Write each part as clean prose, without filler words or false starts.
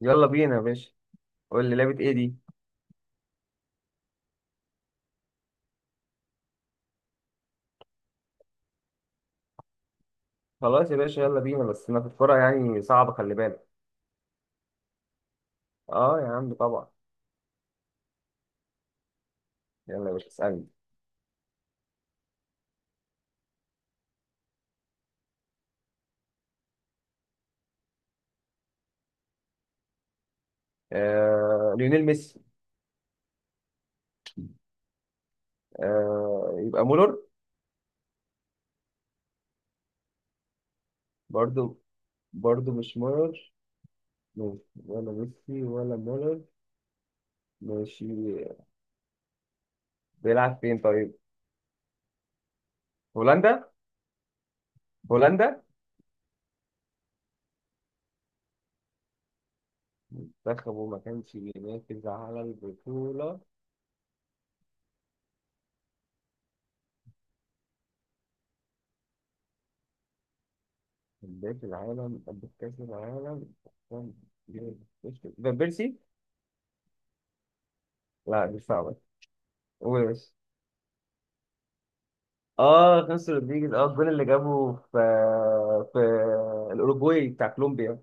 يلا بينا يا باشا. قول لي لعبة ايه دي؟ خلاص يا باشا، يلا بينا، بس ما في الكورة يعني صعبة، خلي بالك. اه يا عم طبعا. يلا يا باشا، اسألني. ليونيل ميسي. يبقى مولر. برضو برضو مش مولر، ماشي. ولا ميسي ولا مولر. ماشي. بيلعب فين طيب؟ هولندا. هولندا. منتخبه ما كانش بينافس على البطولة. كان في العالم قبل كأس العالم. كان- بينافس. فان بيرسي. لا مش صعبة، قول يا باشا. اه، خانسو رودريجيز، الجون اللي جابه في الاوروجواي بتاع كولومبيا.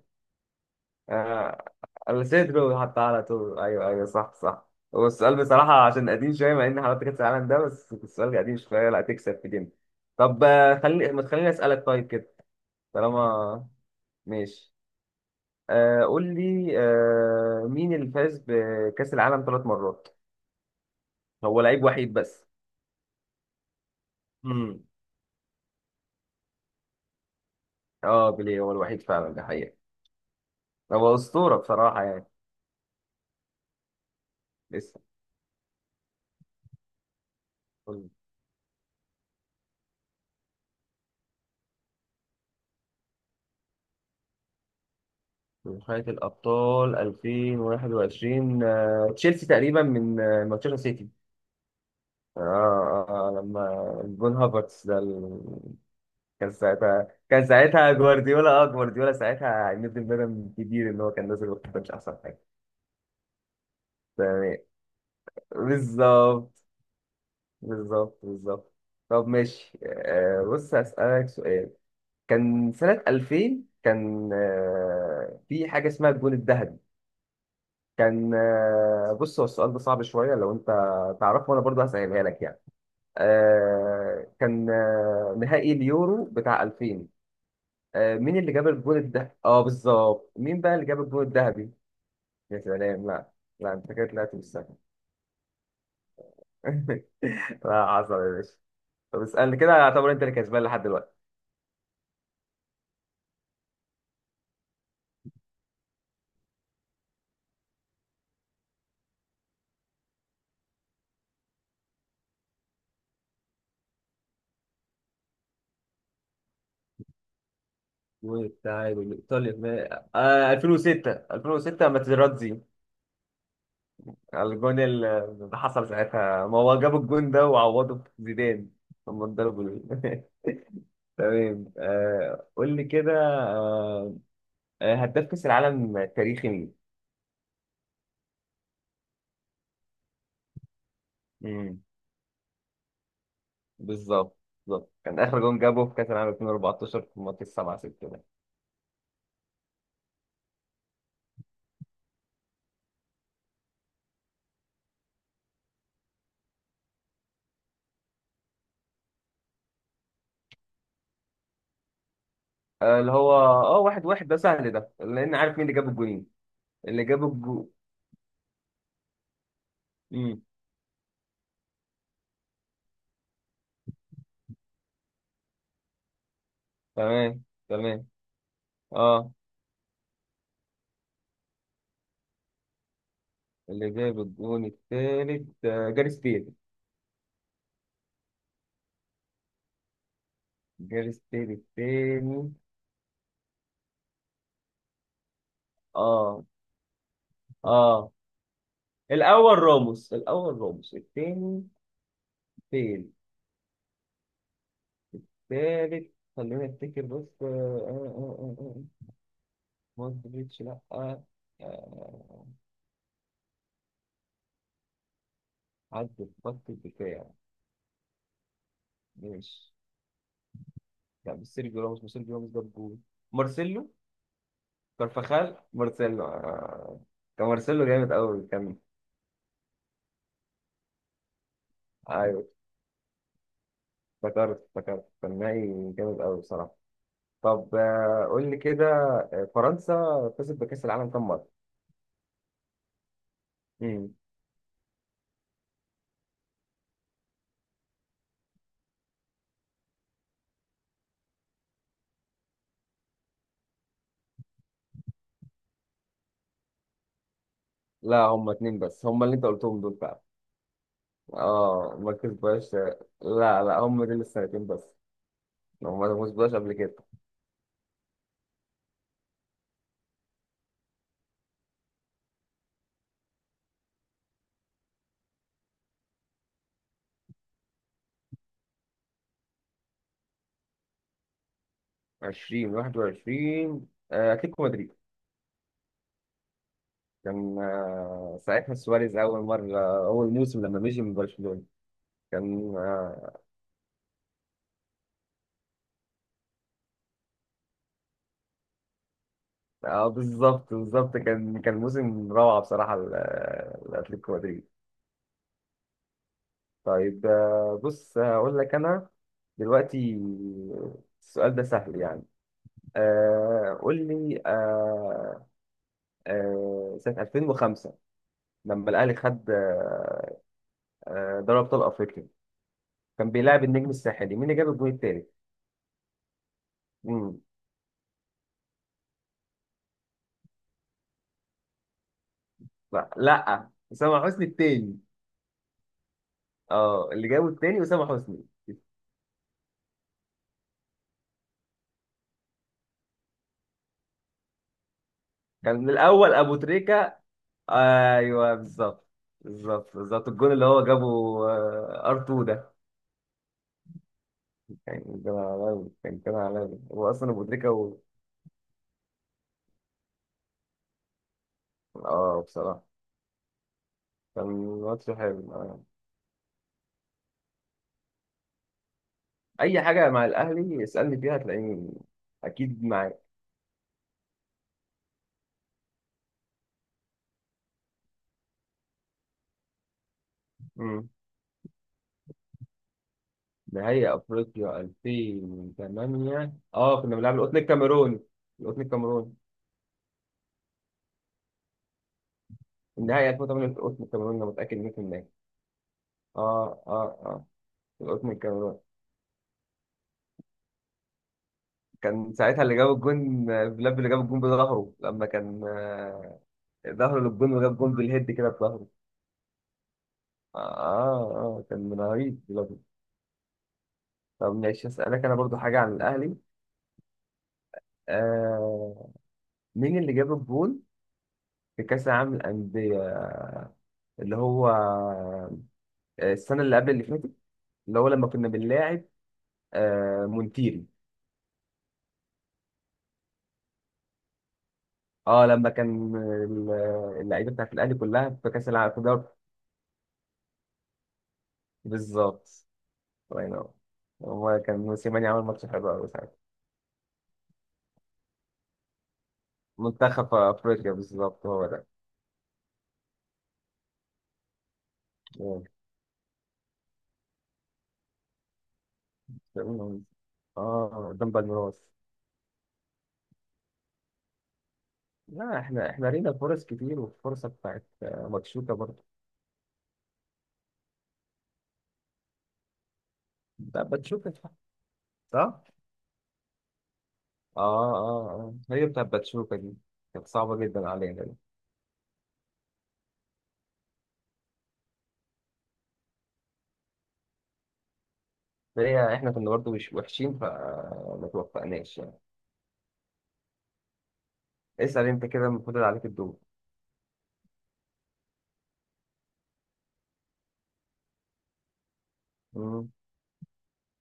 آه السيدرو حتى على طول، ايوه، ايوه، صح، صح. هو السؤال بصراحه عشان قديم شويه، مع ان حضرتك كاس العالم ده، بس السؤال قديم شويه، لا تكسب في دي. طب، ما تخليني اسالك طيب كده. طالما ماشي. قول لي، مين اللي فاز بكاس العالم ثلاث مرات؟ هو لعيب وحيد بس؟ امم اه، بيليه هو الوحيد فعلا ده حقيقه. هو اسطوره بصراحه، يعني. لسه. من نهاية الأبطال 2021، تشيلسي تقريبا من مانشستر سيتي. لما جون هافرتس ده كان ساعتها جوارديولا، جوارديولا ساعتها ميد بدن كبير اللي هو كان نازل وقت مش أحسن حاجة. تمام. بالظبط، بالظبط، بالظبط. طب ماشي، بص هسألك سؤال. كان سنة 2000، كان في حاجة اسمها الجون الذهبي. كان آه، بص، هو السؤال ده صعب شوية لو أنت تعرفه، وأنا برضه هسألها لك يعني. كان نهائي اليورو بتاع 2000. مين اللي جاب الجول الذهبي؟ بالظبط، مين بقى اللي جاب الجول الذهبي؟ يا سلام. لا. لا أنت كده طلعت مش سهل. لا حصل يا باشا. طب اسألني كده، اعتبر أنت اللي كسبان لحد دلوقتي. وتعادل إيطاليا. 2006، 2006، ماتيراتزي. الجون اللي حصل ساعتها، ما هو جاب الجون ده وعوضه بزيدان. لما اتضربوا تمام. قول لي كده. آه هداف كأس العالم التاريخي مين؟ امم. بالظبط، بالظبط كان آخر جون جابه في كأس العالم 2014 في ماتش 7 6 ده. اللي هو واحد واحد، ده سهل ده لأن عارف مين اللي جاب الجونين. اللي جاب الجون. امم. تمام. تمام. اه، اللي جاب الجون التالت جاريث بيل. جاريث بيل التاني؟ اه، اه، الاول راموس، الاول راموس الثاني. بيل الثالث. خلينا نفتكر بس، مودريتش؟ لا. آه، عدى في خط الدفاع. ماشي. لا، مش سيرجيو راموس، مش سيرجيو راموس جاب جول. مارسيلو. كارفاخال؟ مارسيلو. كان مارسيلو جامد قوي، كان. ايوه، افتكرت، افتكرت كان نهائي جامد قوي بصراحه. طب، قول لي كده. فرنسا كسبت بكاس العالم كام مره؟ لا، هم اتنين بس، هم اللي انت قلتهم دول فعلا. اه ما كسبهاش. لا، لا، هم دول السنتين بس. هم ما كسبهاش قبل كده. 20 21، اتلتيكو مدريد. كان ساعتها سواريز اول مره. اول موسم لما مشي من برشلونه. كان. اه. بالظبط، بالظبط كان موسم روعه بصراحه، لاتلتيكو مدريد. طيب، بص هقول لك انا دلوقتي، السؤال ده سهل يعني. قول لي، سنة 2005 لما الأهلي خد دوري أبطال أفريقيا. كان بيلاعب النجم الساحلي، مين اللي جاب الجون التالت؟ مم. لا، لا، أسامة حسني التاني. اه، اللي جابه التاني أسامة حسني. كان الأول أبو تريكة. أيوه، بالظبط. بالظبط، بالظبط، الجون اللي هو جابه، ار 2 ده، كان عالمي، كان عالمي، هو أصلا أبو تريكة و... اه، بصراحة كان ماتش حلو. أي حاجة مع الأهلي اسألني فيها هتلاقيني أكيد معاك. نهائي افريقيا 2008، اه، كنا بنلعب القطن الكاميرون. القطن الكاميرون. النهائي 2008 في القطن الكاميرون، انا متاكد 100%. اه، اه، اه، القطن الكاميرون. كان ساعتها اللي جاب الجون، فيلاب، اللي جاب الجون بظهره لما كان ظهره للجون، وجاب جون بالهيد كده بظهره. اه، اه، كان من رهيب فيلاب. طب ماشي، اسالك انا برضو حاجه عن الاهلي. آه مين اللي جاب الجون في كاس العالم للانديه، اللي هو السنه اللي قبل اللي فاتت، اللي هو لما كنا بنلاعب مونتيري. اه، لما كان اللعيبه بتاعت الاهلي كلها في كاس العالم في دوري. بالظبط. الله ينور. هو كان موسيماني عمل ماتش حلو قوي ساعتها. منتخب افريقيا بالظبط هو ده. اه، قدام بالميراس. لا، احنا لينا فرص كتير، والفرصه بتاعت ماتشوكا برضه. بتاعت باتشوكا صح؟ اه. اه، اه، هي بتاعت باتشوكا دي، كانت صعبه جدا علينا. هي احنا كنا برضو مش وحشين، فما توفقناش يعني. اسأل انت كده، المفروض عليك الدور. مم.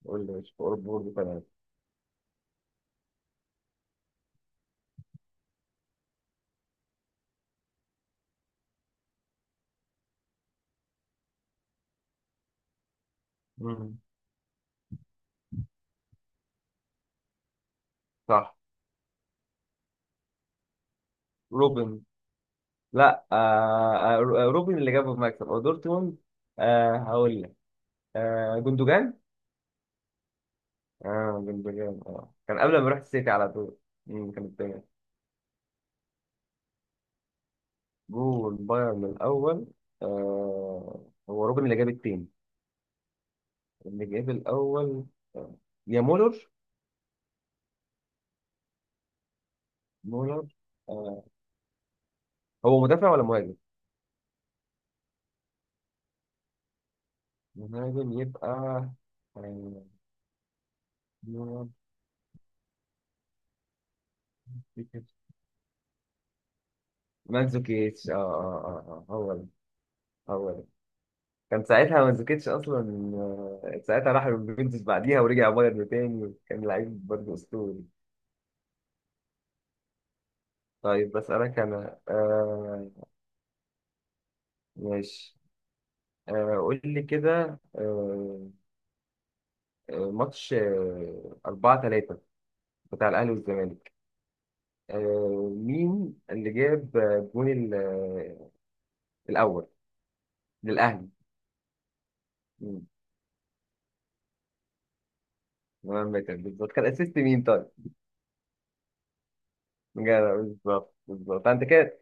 قول لي، مش فور برضو كمان. مم. صح. روبن. لا. روبن اللي جاب المكسب او دورتموند. هقول لك، جندوجان. اه، جندوجان، اه، كان قبل ما يروح السيتي على طول. مم، كان التاني. جول بايرن الاول. هو روبن اللي جاب التاني. اللي جاب الاول. آه. يا مولر؟ مولر، هو مدافع ولا مهاجم؟ مهاجم يبقى. آه، مانزوكيتش. اه، اه، اه، هو ده. هو ده. كان ساعتها مانزوكيتش اصلا. ساعتها راح اليوفنتوس بعديها ورجع بايرن تاني، كان لعيب برضه اسطوري. طيب بسألك انا. ماشي. قول لي كده. ماتش 4 3 بتاع الاهلي والزمالك. مين اللي جاب الجون الاول للاهلي. مهمة كانت بالظبط، كان اسيست مين طيب؟ جدع، بالظبط، بالظبط، فانت كده.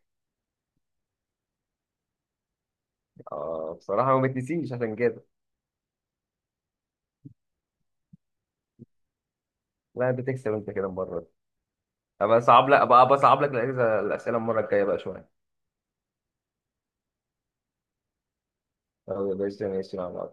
اه، بصراحة ما بتنسيش عشان كده. لا انت تكسب انت كده المرة دي. ابقى بصعب لك الاسئلة المرة الجاية بقى شوية. طب يا باشا، ماشي مع بعض.